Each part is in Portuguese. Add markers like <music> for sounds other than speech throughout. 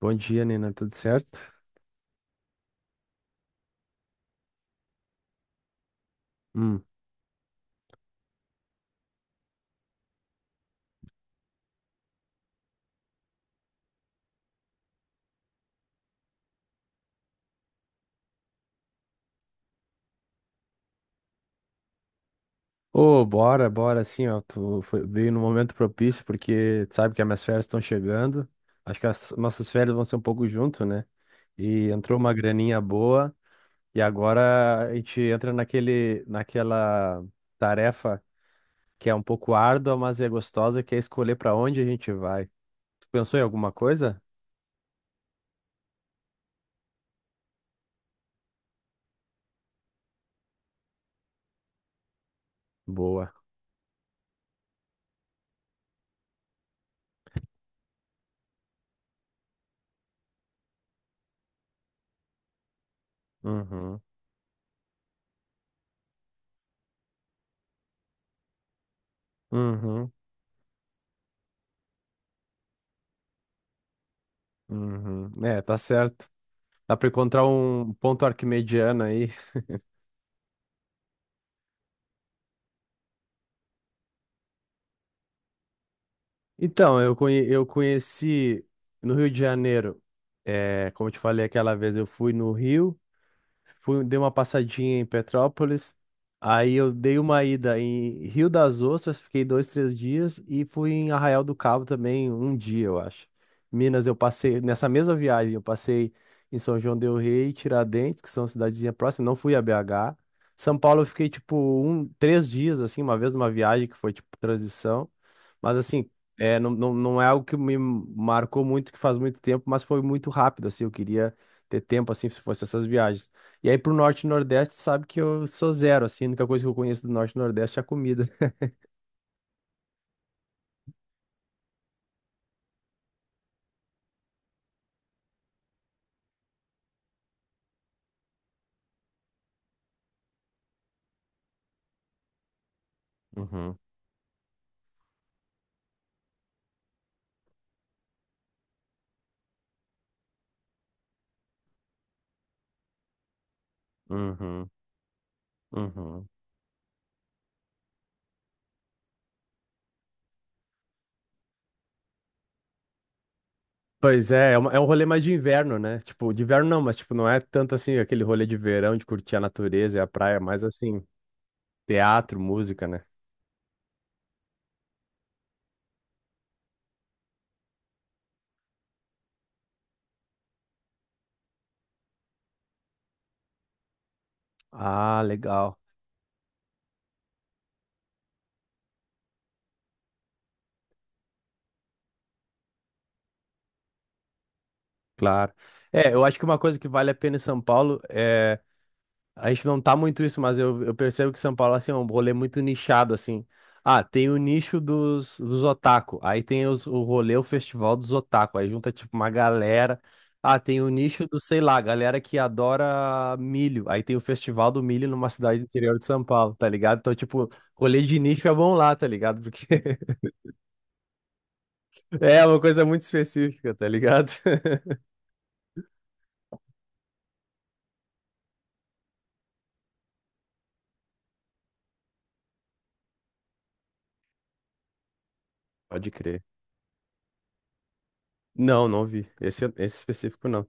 Bom dia, Nina. Tudo certo? Hum. Ô, bora, bora, assim, ó. Veio no momento propício, porque tu sabe que as minhas férias estão chegando. Acho que as nossas férias vão ser um pouco junto, né? E entrou uma graninha boa, e agora a gente entra naquela tarefa que é um pouco árdua, mas é gostosa, que é escolher pra onde a gente vai. Tu pensou em alguma coisa? Boa. Uhum. Uhum. Uhum. É, tá certo. Dá pra encontrar um ponto arquimediano aí. Então, eu conheci no Rio de Janeiro, é, como eu te falei aquela vez, eu fui no Rio, fui, dei uma passadinha em Petrópolis, aí eu dei uma ida em Rio das Ostras, fiquei dois, três dias, e fui em Arraial do Cabo também um dia, eu acho. Minas, eu passei, nessa mesma viagem, eu passei em São João del Rei, Tiradentes, que são cidadezinhas próximas, não fui a BH. São Paulo eu fiquei, tipo, um, três dias, assim, uma vez numa viagem que foi, tipo, transição, mas assim... É, não é algo que me marcou muito, que faz muito tempo, mas foi muito rápido, assim, eu queria ter tempo, assim, se fosse essas viagens. E aí pro norte e nordeste, sabe que eu sou zero, assim, a única coisa que eu conheço do norte e nordeste é a comida. <laughs> Uhum, uhum, uhum. Pois é, é um rolê mais de inverno, né? Tipo, de inverno não, mas tipo, não é tanto assim aquele rolê de verão, de curtir a natureza e a praia, mas assim, teatro, música, né? Ah, legal. Claro. É, eu acho que uma coisa que vale a pena em São Paulo é A gente não tá muito isso, mas eu percebo que São Paulo assim, é um rolê muito nichado, assim. Ah, tem o nicho dos otaku. Aí tem o rolê, o festival dos otaku. Aí junta, tipo, uma galera. Ah, tem o nicho do, sei lá, galera que adora milho. Aí tem o festival do milho numa cidade do interior de São Paulo, tá ligado? Então, tipo, rolê de nicho é bom lá, tá ligado? Porque <laughs> é uma coisa muito específica, tá ligado? <laughs> Pode crer. Não, não vi. Esse específico, não.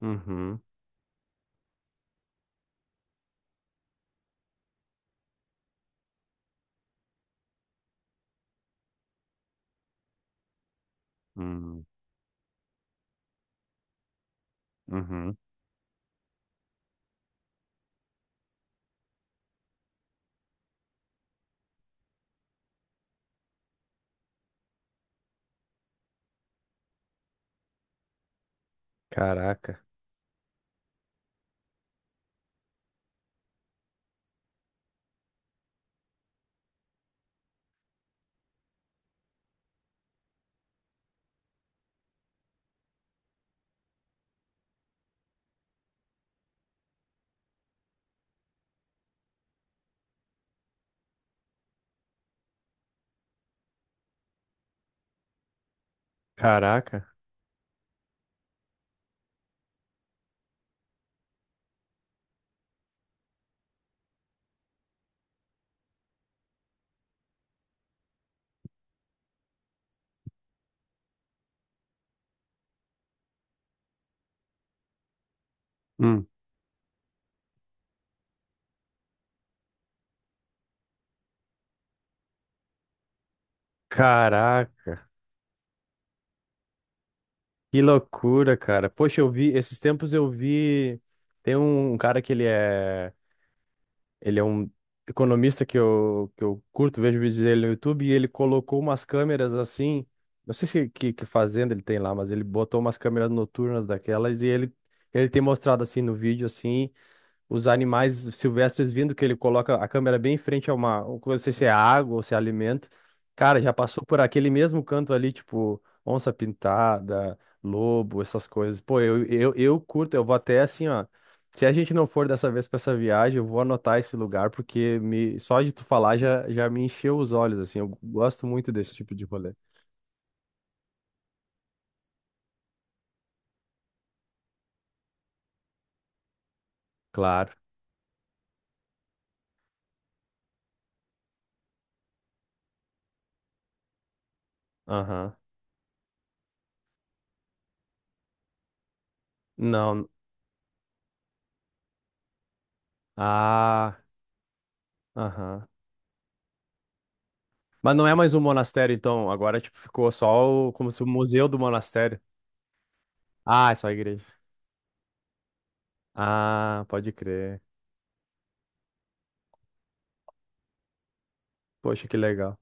Uhum. Hum, uhum. Caraca. Caraca. Hum. Caraca, que loucura, cara. Poxa, eu vi, tem um cara que ele é um economista que que eu curto, vejo vídeos dele no YouTube, e ele colocou umas câmeras assim, não sei se que, que fazenda ele tem lá, mas ele botou umas câmeras noturnas daquelas e ele tem mostrado assim no vídeo, assim, os animais silvestres vindo, que ele coloca a câmera bem em frente a uma, não sei se é água ou se é alimento. Cara, já passou por aquele mesmo canto ali, tipo, onça pintada, lobo, essas coisas. Pô, eu curto, eu vou até assim, ó. Se a gente não for dessa vez pra essa viagem, eu vou anotar esse lugar, porque me, só de tu falar já me encheu os olhos, assim. Eu gosto muito desse tipo de rolê. Claro. Aham. Não. Ah. Aham. Mas não é mais um monastério, então. Agora, tipo, ficou só como se o museu do monastério. Ah, é só a igreja. Ah, pode crer. Poxa, que legal.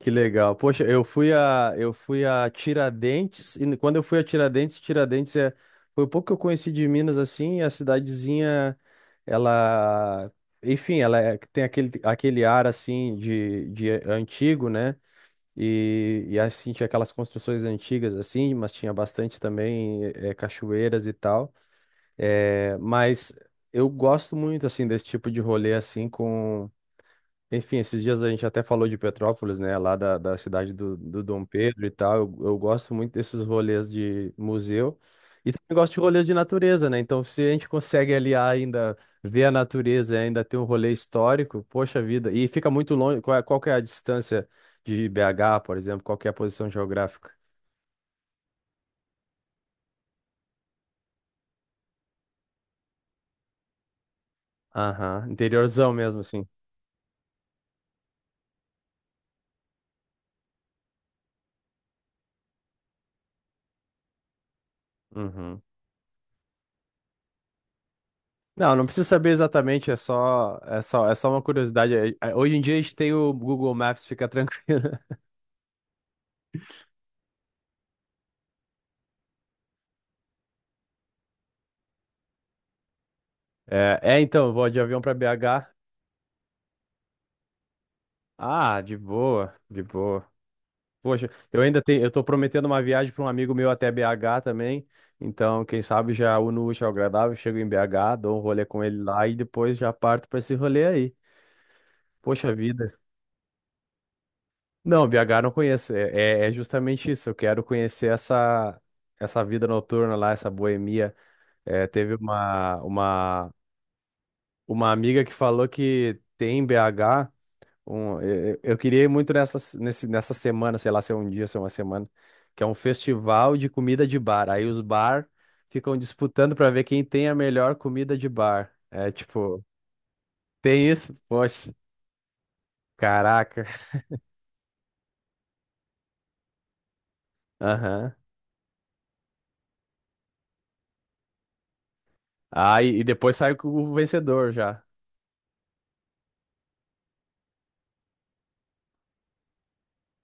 Que legal. Poxa, eu fui a Tiradentes, e quando eu fui a Tiradentes, Tiradentes é, foi o pouco que eu conheci de Minas, assim, e a cidadezinha, ela, enfim, tem aquele, aquele ar, assim, de antigo, né? E assim, tinha aquelas construções antigas, assim, mas tinha bastante também cachoeiras e tal. É, mas eu gosto muito assim desse tipo de rolê assim com, enfim, esses dias a gente até falou de Petrópolis, né, lá da, da cidade do, do Dom Pedro e tal. Eu gosto muito desses rolês de museu e também gosto de rolês de natureza, né? Então, se a gente consegue aliar ainda ver a natureza, e ainda ter um rolê histórico, poxa vida. E fica muito longe, qual que é a distância de BH, por exemplo, qual que é a posição geográfica? Aham, interiorzão mesmo, assim. Uhum. Não, não precisa saber exatamente, é só uma curiosidade. Hoje em dia a gente tem o Google Maps, fica tranquilo. <laughs> Então, eu vou de avião para BH. Ah, de boa, de boa. Poxa, eu tô prometendo uma viagem para um amigo meu até BH também. Então, quem sabe já uno o útil ao agradável, chego em BH, dou um rolê com ele lá e depois já parto para esse rolê aí. Poxa vida. Não, BH eu não conheço. É é justamente isso. Eu quero conhecer essa vida noturna lá, essa boemia. É, uma amiga que falou que tem em BH. Eu queria ir muito nessa semana, sei lá, se é um dia, se é uma semana, que é um festival de comida de bar. Aí os bar ficam disputando para ver quem tem a melhor comida de bar. É tipo, tem isso? Poxa, caraca. <laughs> Aham. Ah, e depois sai com o vencedor já.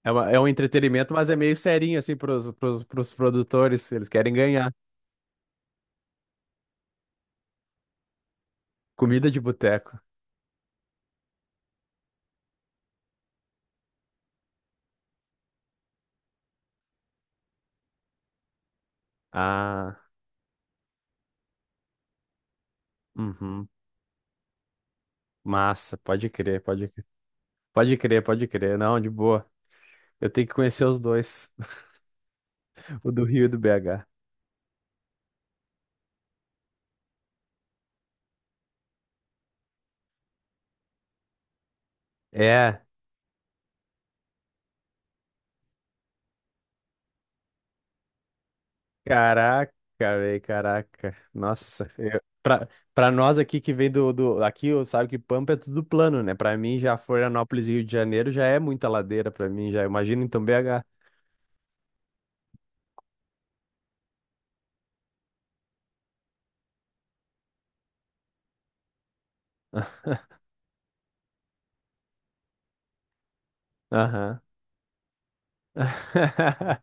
É, é um entretenimento, mas é meio serinho, assim, pros produtores. Eles querem ganhar. Comida de boteco. Ah. Uhum. Massa, pode crer, pode crer. Pode crer, pode crer. Não, de boa. Eu tenho que conhecer os dois, <laughs> o do Rio e do BH. É, caraca, velho, caraca. Nossa, pra nós aqui que vem do. Aqui, sabe que Pampa é tudo plano, né? Pra mim, já Florianópolis e Rio de Janeiro já é muita ladeira pra mim, já. Imagina então BH. <laughs> Aham. <laughs>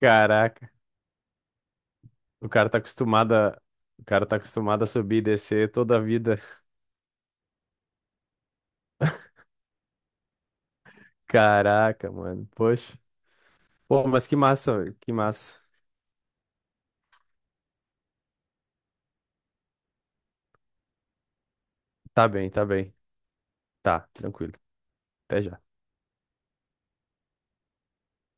Caraca, o cara tá acostumado a, o cara tá acostumado a subir e descer toda a vida. Caraca, mano. Poxa. Pô, mas que massa, que massa. Tá bem, tá bem. Tá, tranquilo. Até já.